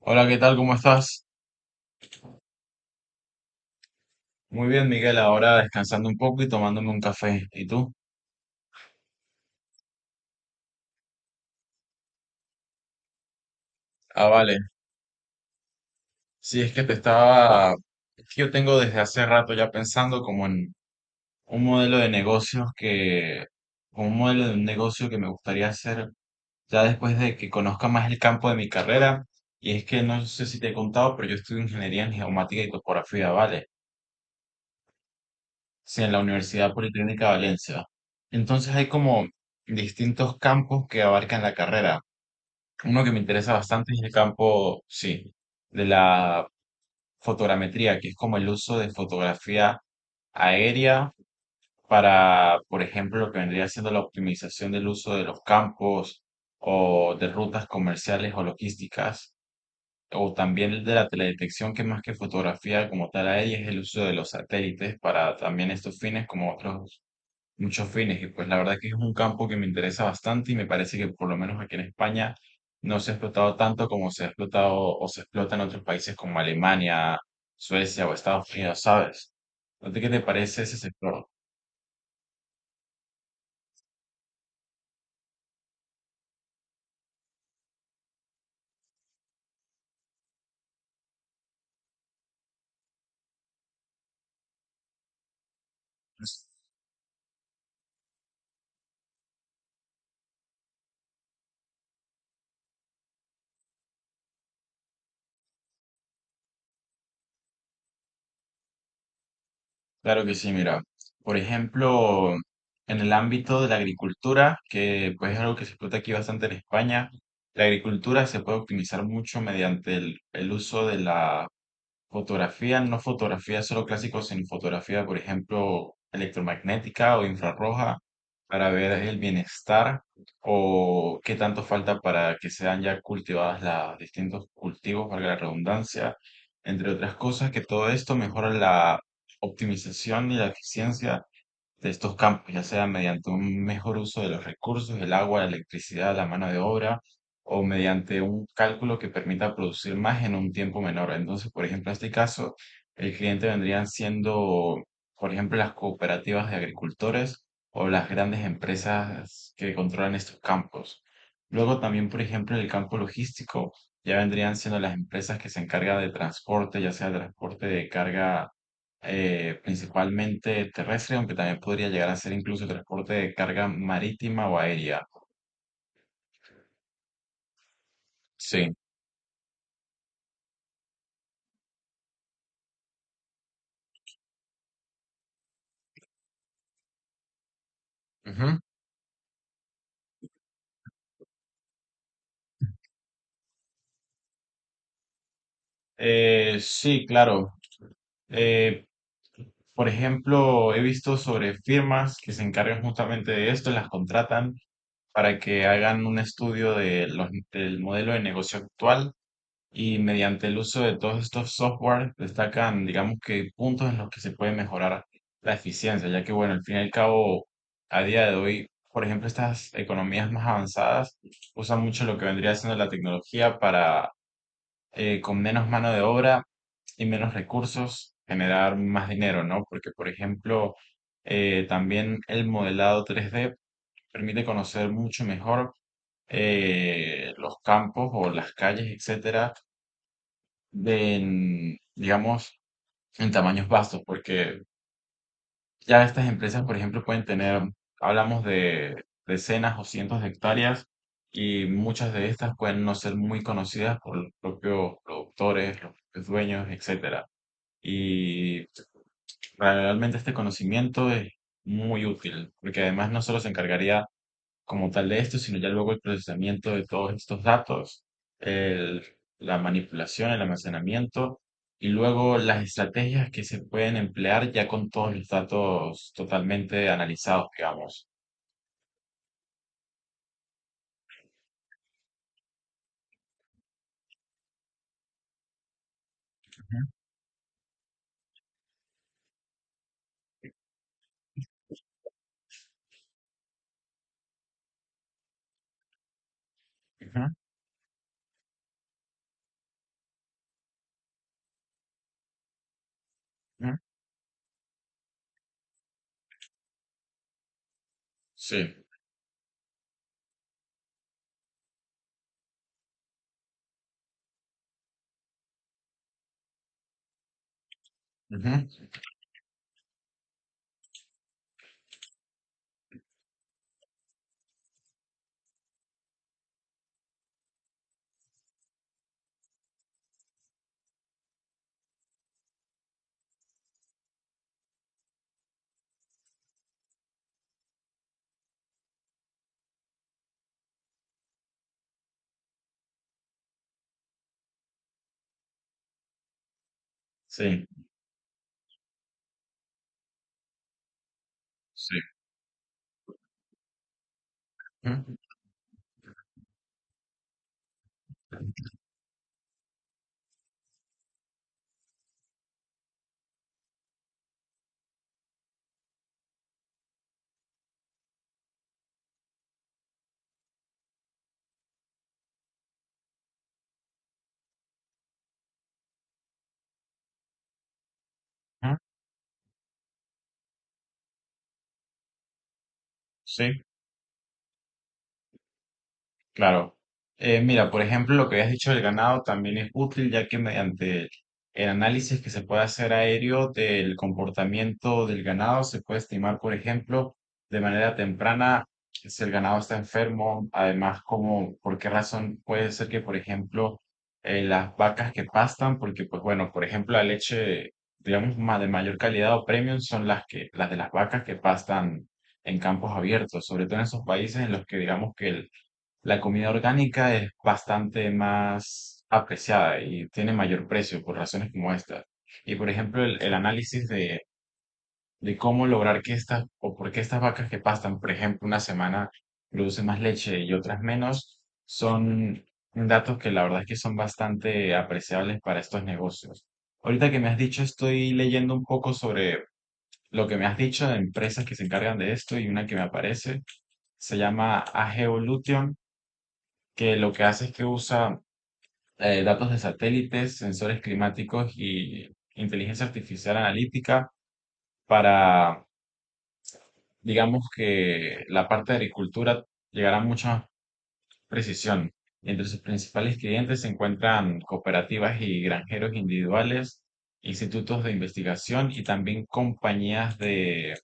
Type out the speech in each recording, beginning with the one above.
Hola, ¿qué tal? ¿Cómo estás? Muy bien, Miguel. Ahora descansando un poco y tomándome un café. ¿Y tú? Ah, vale. Sí, es que te estaba... es que yo tengo desde hace rato ya pensando como en un modelo de negocios que... un modelo de un negocio que me gustaría hacer ya después de que conozca más el campo de mi carrera. Y es que no sé si te he contado, pero yo estudio ingeniería en geomática y topografía, ¿vale? Sí, en la Universidad Politécnica de Valencia. Entonces hay como distintos campos que abarcan la carrera. Uno que me interesa bastante es el campo, sí, de la fotogrametría, que es como el uso de fotografía aérea para, por ejemplo, lo que vendría siendo la optimización del uso de los campos o de rutas comerciales o logísticas, o también el de la teledetección, que más que fotografía como tal aérea es el uso de los satélites para también estos fines, como otros muchos fines. Y pues la verdad que es un campo que me interesa bastante y me parece que por lo menos aquí en España no se ha explotado tanto como se ha explotado o se explota en otros países como Alemania, Suecia o Estados Unidos, ¿sabes? Entonces, ¿qué te parece ese sector? Claro que sí, mira. Por ejemplo, en el ámbito de la agricultura, que pues es algo que se explota aquí bastante en España, la agricultura se puede optimizar mucho mediante el uso de la fotografía, no fotografía solo clásico, sino fotografía, por ejemplo, electromagnética o infrarroja para ver el bienestar o qué tanto falta para que sean ya cultivadas los distintos cultivos, valga la redundancia, entre otras cosas, que todo esto mejora la optimización y la eficiencia de estos campos, ya sea mediante un mejor uso de los recursos, el agua, la electricidad, la mano de obra, o mediante un cálculo que permita producir más en un tiempo menor. Entonces, por ejemplo, en este caso, el cliente vendrían siendo, por ejemplo, las cooperativas de agricultores o las grandes empresas que controlan estos campos. Luego también, por ejemplo, en el campo logístico, ya vendrían siendo las empresas que se encargan de transporte, ya sea transporte de carga principalmente terrestre, aunque también podría llegar a ser incluso transporte de carga marítima o aérea. Sí. Ujú. Sí, claro. Eh, por ejemplo, he visto sobre firmas que se encargan justamente de esto, las contratan para que hagan un estudio de del modelo de negocio actual y mediante el uso de todos estos softwares destacan, digamos que puntos en los que se puede mejorar la eficiencia, ya que bueno, al fin y al cabo, a día de hoy, por ejemplo, estas economías más avanzadas usan mucho lo que vendría siendo la tecnología para con menos mano de obra y menos recursos generar más dinero, ¿no? Porque, por ejemplo, también el modelado tres d permite conocer mucho mejor los campos o las calles, etcétera de en, digamos, en tamaños vastos, porque ya estas empresas, por ejemplo, pueden tener, hablamos de decenas o cientos de hectáreas y muchas de estas pueden no ser muy conocidas por los propios productores, los propios dueños, etcétera. Y realmente este conocimiento es muy útil, porque además no solo se encargaría como tal de esto, sino ya luego el procesamiento de todos estos datos, el- la manipulación, el almacenamiento y luego las estrategias que se pueden emplear ya con todos los datos totalmente analizados, digamos. Ujú, ujú, ujú. Sí, ujú, sí, sí, ujú, ujú, sí. Claro. Mira, por ejemplo, lo que habías dicho del ganado también es útil, ya que mediante el análisis que se puede hacer aéreo del comportamiento del ganado, se puede estimar, por ejemplo, de manera temprana si el ganado está enfermo, además, como, por qué razón puede ser que, por ejemplo, las vacas que pastan, porque, pues bueno, por ejemplo, la leche, digamos, más de mayor calidad o premium son las que, las de las vacas que pastan en campos abiertos, sobre todo en esos países en los que digamos que el la comida orgánica es bastante más apreciada y tiene mayor precio por razones como estas. Y por ejemplo, el análisis de cómo lograr que estas, o por qué estas vacas que pastan, por ejemplo, una semana producen más leche y otras menos, son datos que la verdad es que son bastante apreciables para estos negocios. Ahorita que me has dicho, estoy leyendo un poco sobre lo que me has dicho de empresas que se encargan de esto y una que me aparece se llama AG que lo que hace es que usa datos de satélites, sensores climáticos y inteligencia artificial analítica para, digamos que la parte de agricultura llegará a mucha precisión. Entre sus principales clientes se encuentran cooperativas y granjeros individuales, institutos de investigación y también compañías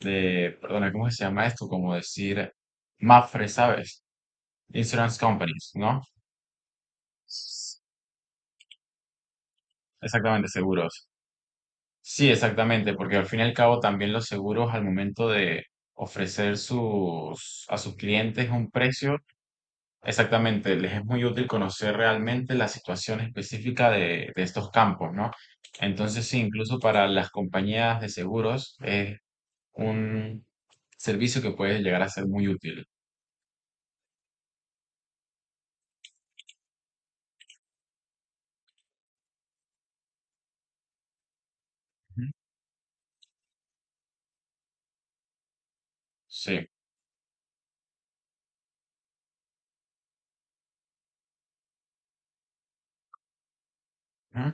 de, perdona, ¿cómo se llama esto? Como decir, MAFRE, ¿sabes? Insurance companies, ¿no? Exactamente, seguros. Sí, exactamente, porque al fin y al cabo también los seguros al momento de ofrecer sus, a sus clientes un precio, exactamente, les es muy útil conocer realmente la situación específica de estos campos, ¿no? Entonces, sí, incluso para las compañías de seguros es un servicio que puede llegar a ser muy útil. Ujú. Sí, ujú,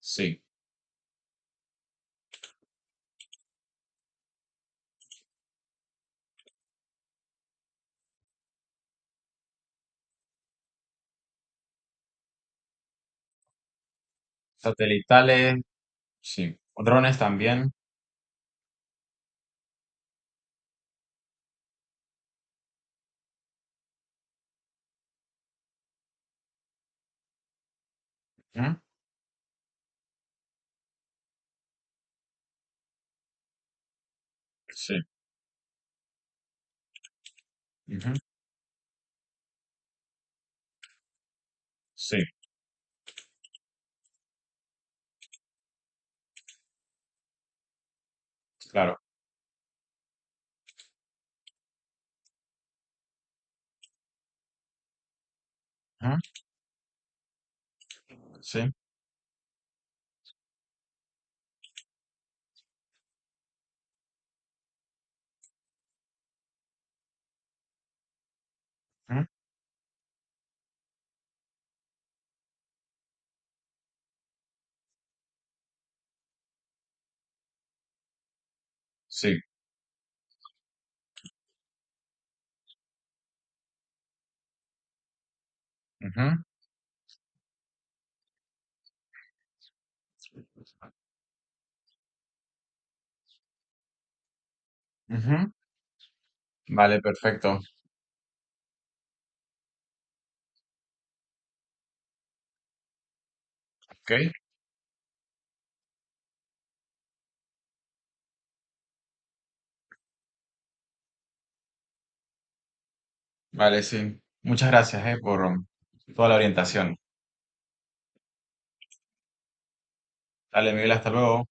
sí. Satelitales, sí. Drones también. Ujú. Sí, ujú, sí, claro. Ujú. Sí. Sí. Ujú, ujú. Vale, perfecto. Ok. Vale, sí. Muchas gracias, por toda la orientación. Dale, Miguel, hasta luego.